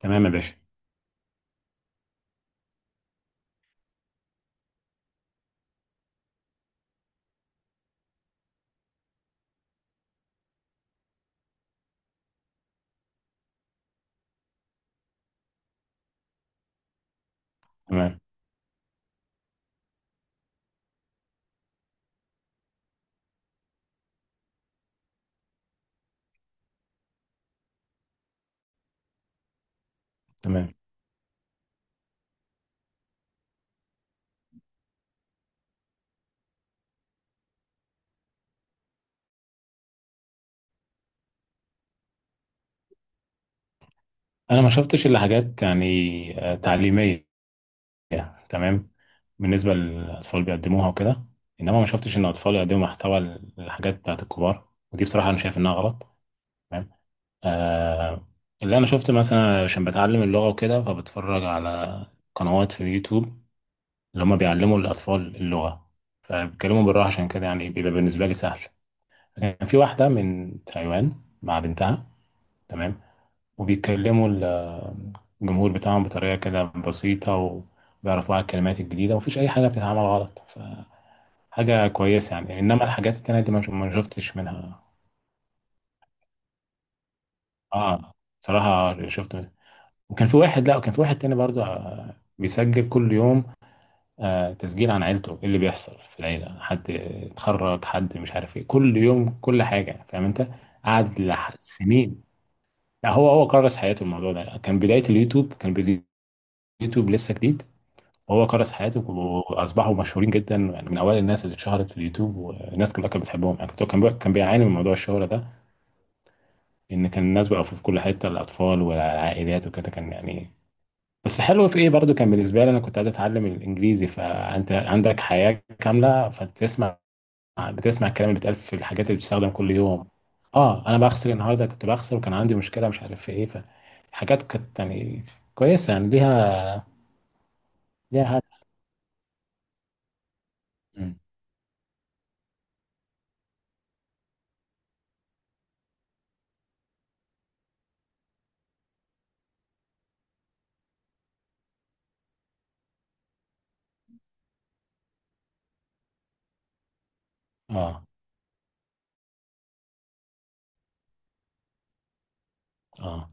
تمام يا باشا. تمام، تمام. انا ما شفتش الا حاجات يعني، تعليميه. تمام. بالنسبه للاطفال بيقدموها وكده، انما ما شفتش ان الاطفال يقدموا محتوى الحاجات بتاعت الكبار، ودي بصراحه انا شايف انها غلط. تمام. آه. اللي انا شفت مثلا عشان بتعلم اللغه وكده، فبتفرج على قنوات في اليوتيوب اللي هم بيعلموا الاطفال اللغه، فبيتكلموا بالراحه، عشان كده يعني بيبقى بالنسبه لي سهل. كان في واحده من تايوان مع بنتها. تمام. وبيكلموا الجمهور بتاعهم بطريقة كده بسيطة، وبيعرفوا على الكلمات الجديدة، ومفيش أي حاجة بتتعمل غلط، فحاجة كويسة يعني. إنما الحاجات التانية دي ما شفتش منها. آه. بصراحة شفت، وكان في واحد، لا، وكان في واحد تاني برضه، بيسجل كل يوم، تسجيل عن عيلته، إيه اللي بيحصل في العيلة، حد اتخرج، حد مش عارف ايه، كل يوم كل حاجة، فاهم انت. قعد سنين. لا، هو هو كرس حياته الموضوع ده. كان بداية اليوتيوب، كان بداية اليوتيوب لسه جديد. وهو كرس حياته واصبحوا مشهورين جدا، يعني من اوائل الناس اللي اتشهرت في اليوتيوب. والناس كلها كانت بتحبهم يعني، كان بيعاني من موضوع الشهرة ده، ان كان الناس بقوا في كل حتة، الاطفال والعائلات وكده كان يعني. بس حلو في ايه برضو، كان بالنسبة لي انا كنت عايز اتعلم الانجليزي، فانت عندك حياة كاملة، فبتسمع الكلام اللي بيتقال في الحاجات اللي بتستخدم كل يوم. اه، انا بغسل النهارده، كنت بغسل وكان عندي مشكلة مش عارف في ايه، فحاجات كانت يعني كويسة يعني، ليها هدف. مم. اه، اه،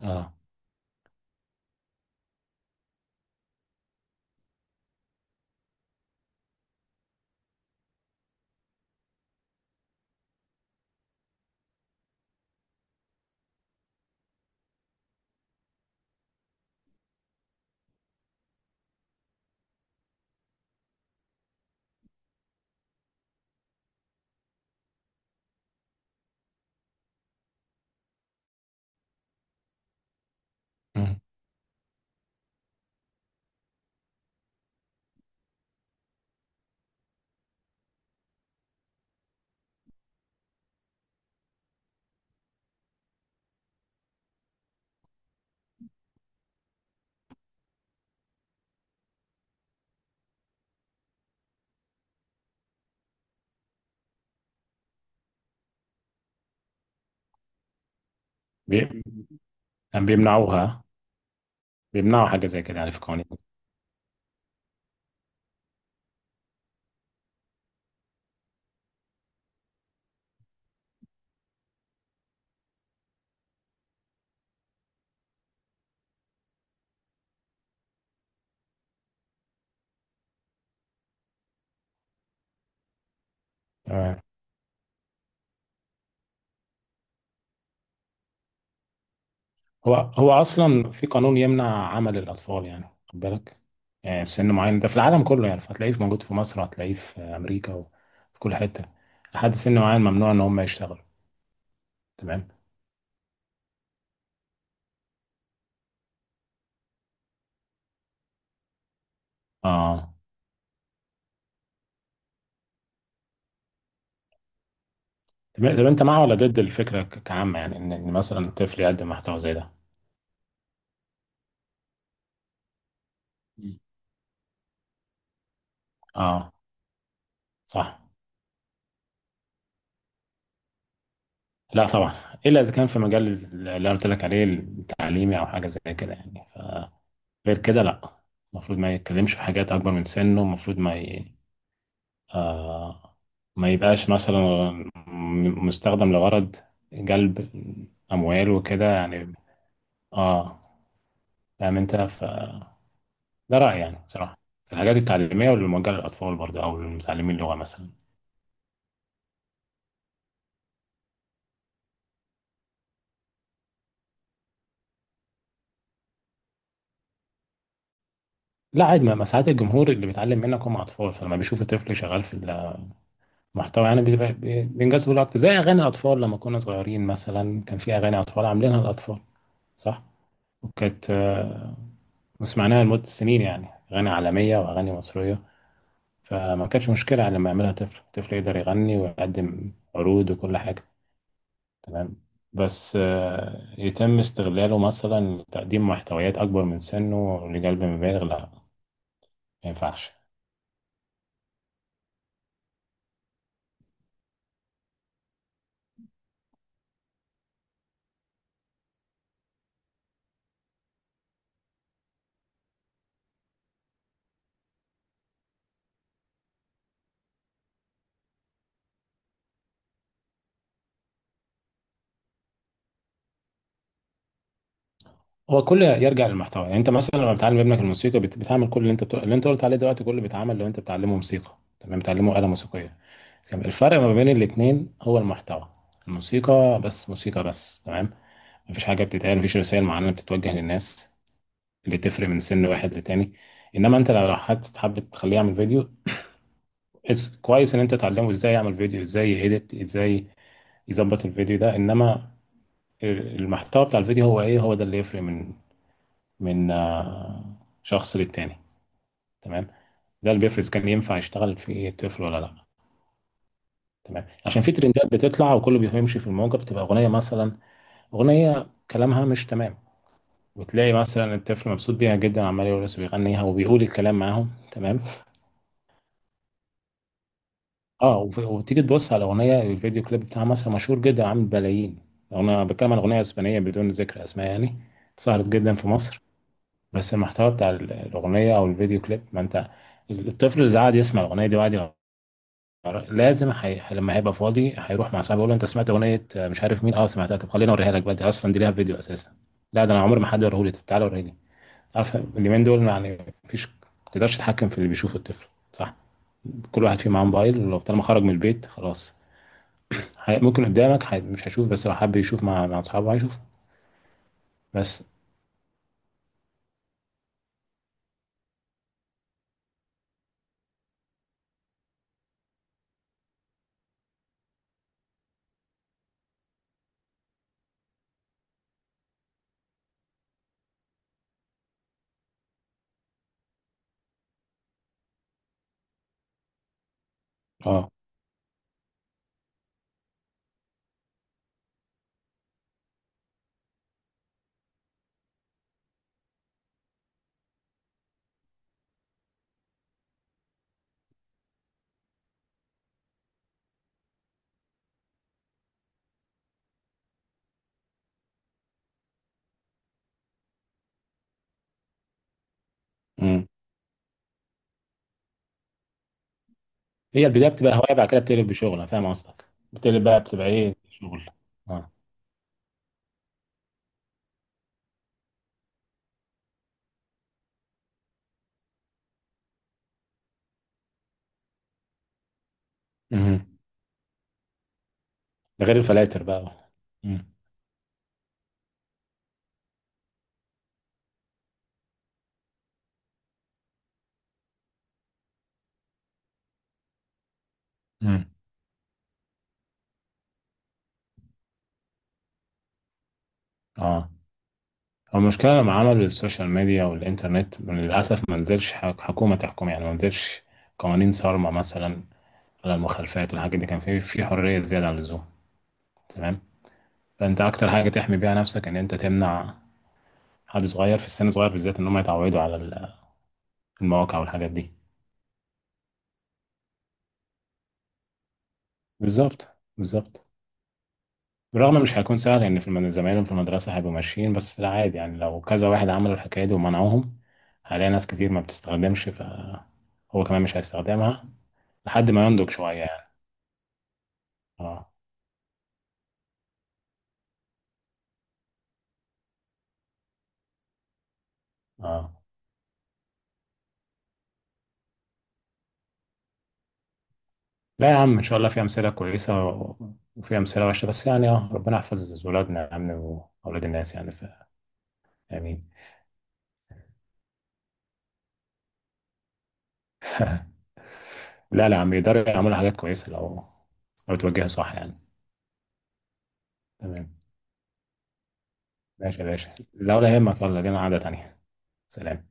اه. مم. بي- يعني بيمنعوها. بيمنعوا حاجة زي كده، يعني في قوانين. تمام. هو هو أصلا في قانون يمنع عمل الأطفال، يعني خد بالك. يعني سن معين، ده في العالم كله يعني، فهتلاقيه موجود في مصر، هتلاقيه في أمريكا وفي كل حتة، لحد سن معين ممنوع إن هم يشتغلوا. تمام. آه. تمام. طب أنت مع ولا ضد الفكرة كعامة؟ يعني إن مثلا طفل يقدم محتوى زي ده. مم. آه. صح. لا طبعا. إلا إذا كان في مجال اللي أنا قلت لك عليه التعليمي، أو حاجة زي كده يعني. غير كده لا. المفروض ما يتكلمش في حاجات اكبر من سنه. المفروض ما ي... آه... ما يبقاش مثلا مستخدم لغرض جلب اموال وكده يعني. اه. فاهم انت، ده رايي يعني بصراحه، في الحاجات التعليميه واللي موجهه للاطفال برضه، او للمتعلمين اللغه مثلا. لا عادي، ما ساعات الجمهور اللي بيتعلم منك هم اطفال، فلما بيشوف طفل شغال في المحتوى يعني بيبقى بينجذبوا له اكتر، زي اغاني الاطفال. لما كنا صغيرين مثلا، كان في اغاني اطفال عاملينها الاطفال. صح. وكانت، وسمعناها لمدة سنين يعني، أغاني عالمية وأغاني مصرية. فما كانش مشكلة لما يعملها طفل، طفل يقدر يغني ويقدم عروض وكل حاجة. تمام. بس يتم استغلاله مثلا لتقديم محتويات أكبر من سنه، لقلب مبالغ، لا ما ينفعش. هو كله يرجع للمحتوى، يعني انت مثلا لما بتعلم ابنك الموسيقى، بتعمل كل اللي انت بتقول... اللي انت قلت عليه دلوقتي كله بيتعمل. لو انت بتعلمه موسيقى تمام، بتعلمه آلة موسيقية، تمام. الفرق ما بين الاتنين هو المحتوى. الموسيقى بس موسيقى بس، تمام. مفيش حاجة بتتقال، مفيش رسائل معينة بتتوجه للناس اللي تفرق من سن واحد لتاني. انما انت لو حد حابب تخليه يعمل فيديو، كويس ان انت تعلمه ازاي يعمل فيديو، ازاي يedit، ازاي يظبط الفيديو ده. انما المحتوى بتاع الفيديو هو ايه، هو ده اللي يفرق من من آه، شخص للتاني. تمام. ده اللي بيفرز كان ينفع يشتغل في طفل ولا لا. تمام، عشان في ترندات بتطلع وكله بيمشي في الموجة، بتبقى أغنية مثلا، أغنية كلامها مش تمام. وتلاقي مثلا الطفل مبسوط بيها جدا، عمال يرقص ويغنيها وبيقول الكلام معاهم. تمام. اه. وتيجي تبص على اغنيه الفيديو كليب بتاعها، مثلا مشهور جدا، عامل بلايين. انا بتكلم عن اغنيه اسبانيه بدون ذكر اسماء يعني، اتشهرت جدا في مصر. بس المحتوى بتاع الاغنيه او الفيديو كليب، ما انت، الطفل اللي قاعد يسمع الاغنيه دي وقاعد، لما هيبقى فاضي، هيروح مع صاحبه يقول له، انت سمعت اغنيه مش عارف مين؟ اه سمعتها. طب خليني اوريها لك بقى، دي اصلا دي ليها فيديو اساسا. لا، ده انا عمري ما حد وريهولي. طب تعالى وريني لي. عارف اليومين دول يعني، مفيش، ما تقدرش تتحكم في اللي بيشوفه الطفل، صح. كل واحد فيه معاه موبايل، لو طالما خرج من البيت خلاص. ممكن قدامك مش هيشوف، بس لو حب يشوف مع اصحابه هيشوف. بس. اه. امم هي البدايه بتبقى هوايه، بعد كده بتقلب بشغل، انا فاهم قصدك. بتقلب بقى بتبقى ايه شغل؟ اه. امم ده غير الفلاتر بقى. امم امم اه. هو المشكلة لما عملوا السوشيال ميديا والإنترنت للأسف، ما نزلش حكومة تحكم يعني. ما نزلش قوانين صارمة مثلا على المخالفات والحاجات دي، كان في حرية زيادة عن اللزوم. تمام. فأنت أكتر حاجة تحمي بيها نفسك إن أنت تمنع حد صغير في السن الصغير بالذات، إن هم يتعودوا على المواقع والحاجات دي. بالظبط، بالظبط. بالرغم مش هيكون سهل يعني، في زمايلهم في المدرسة هيبقوا ماشيين، بس لا عادي يعني، لو كذا واحد عملوا الحكاية دي ومنعوهم، هلاقي ناس كتير ما بتستخدمش فهو كمان مش هيستخدمها لحد ما ينضج شوية. اه، اه. لا يا عم، ان شاء الله في امثله كويسه وفي امثله وحشه، بس يعني اه ربنا يحفظ ولادنا يا عم واولاد الناس يعني امين. لا، لا يا عم، يقدروا يعملوا حاجات كويسه لو توجهوا صح يعني. تمام. ماشي يا باشا، لا ولا يهمك، يلا لينا قعده تانيه. سلام.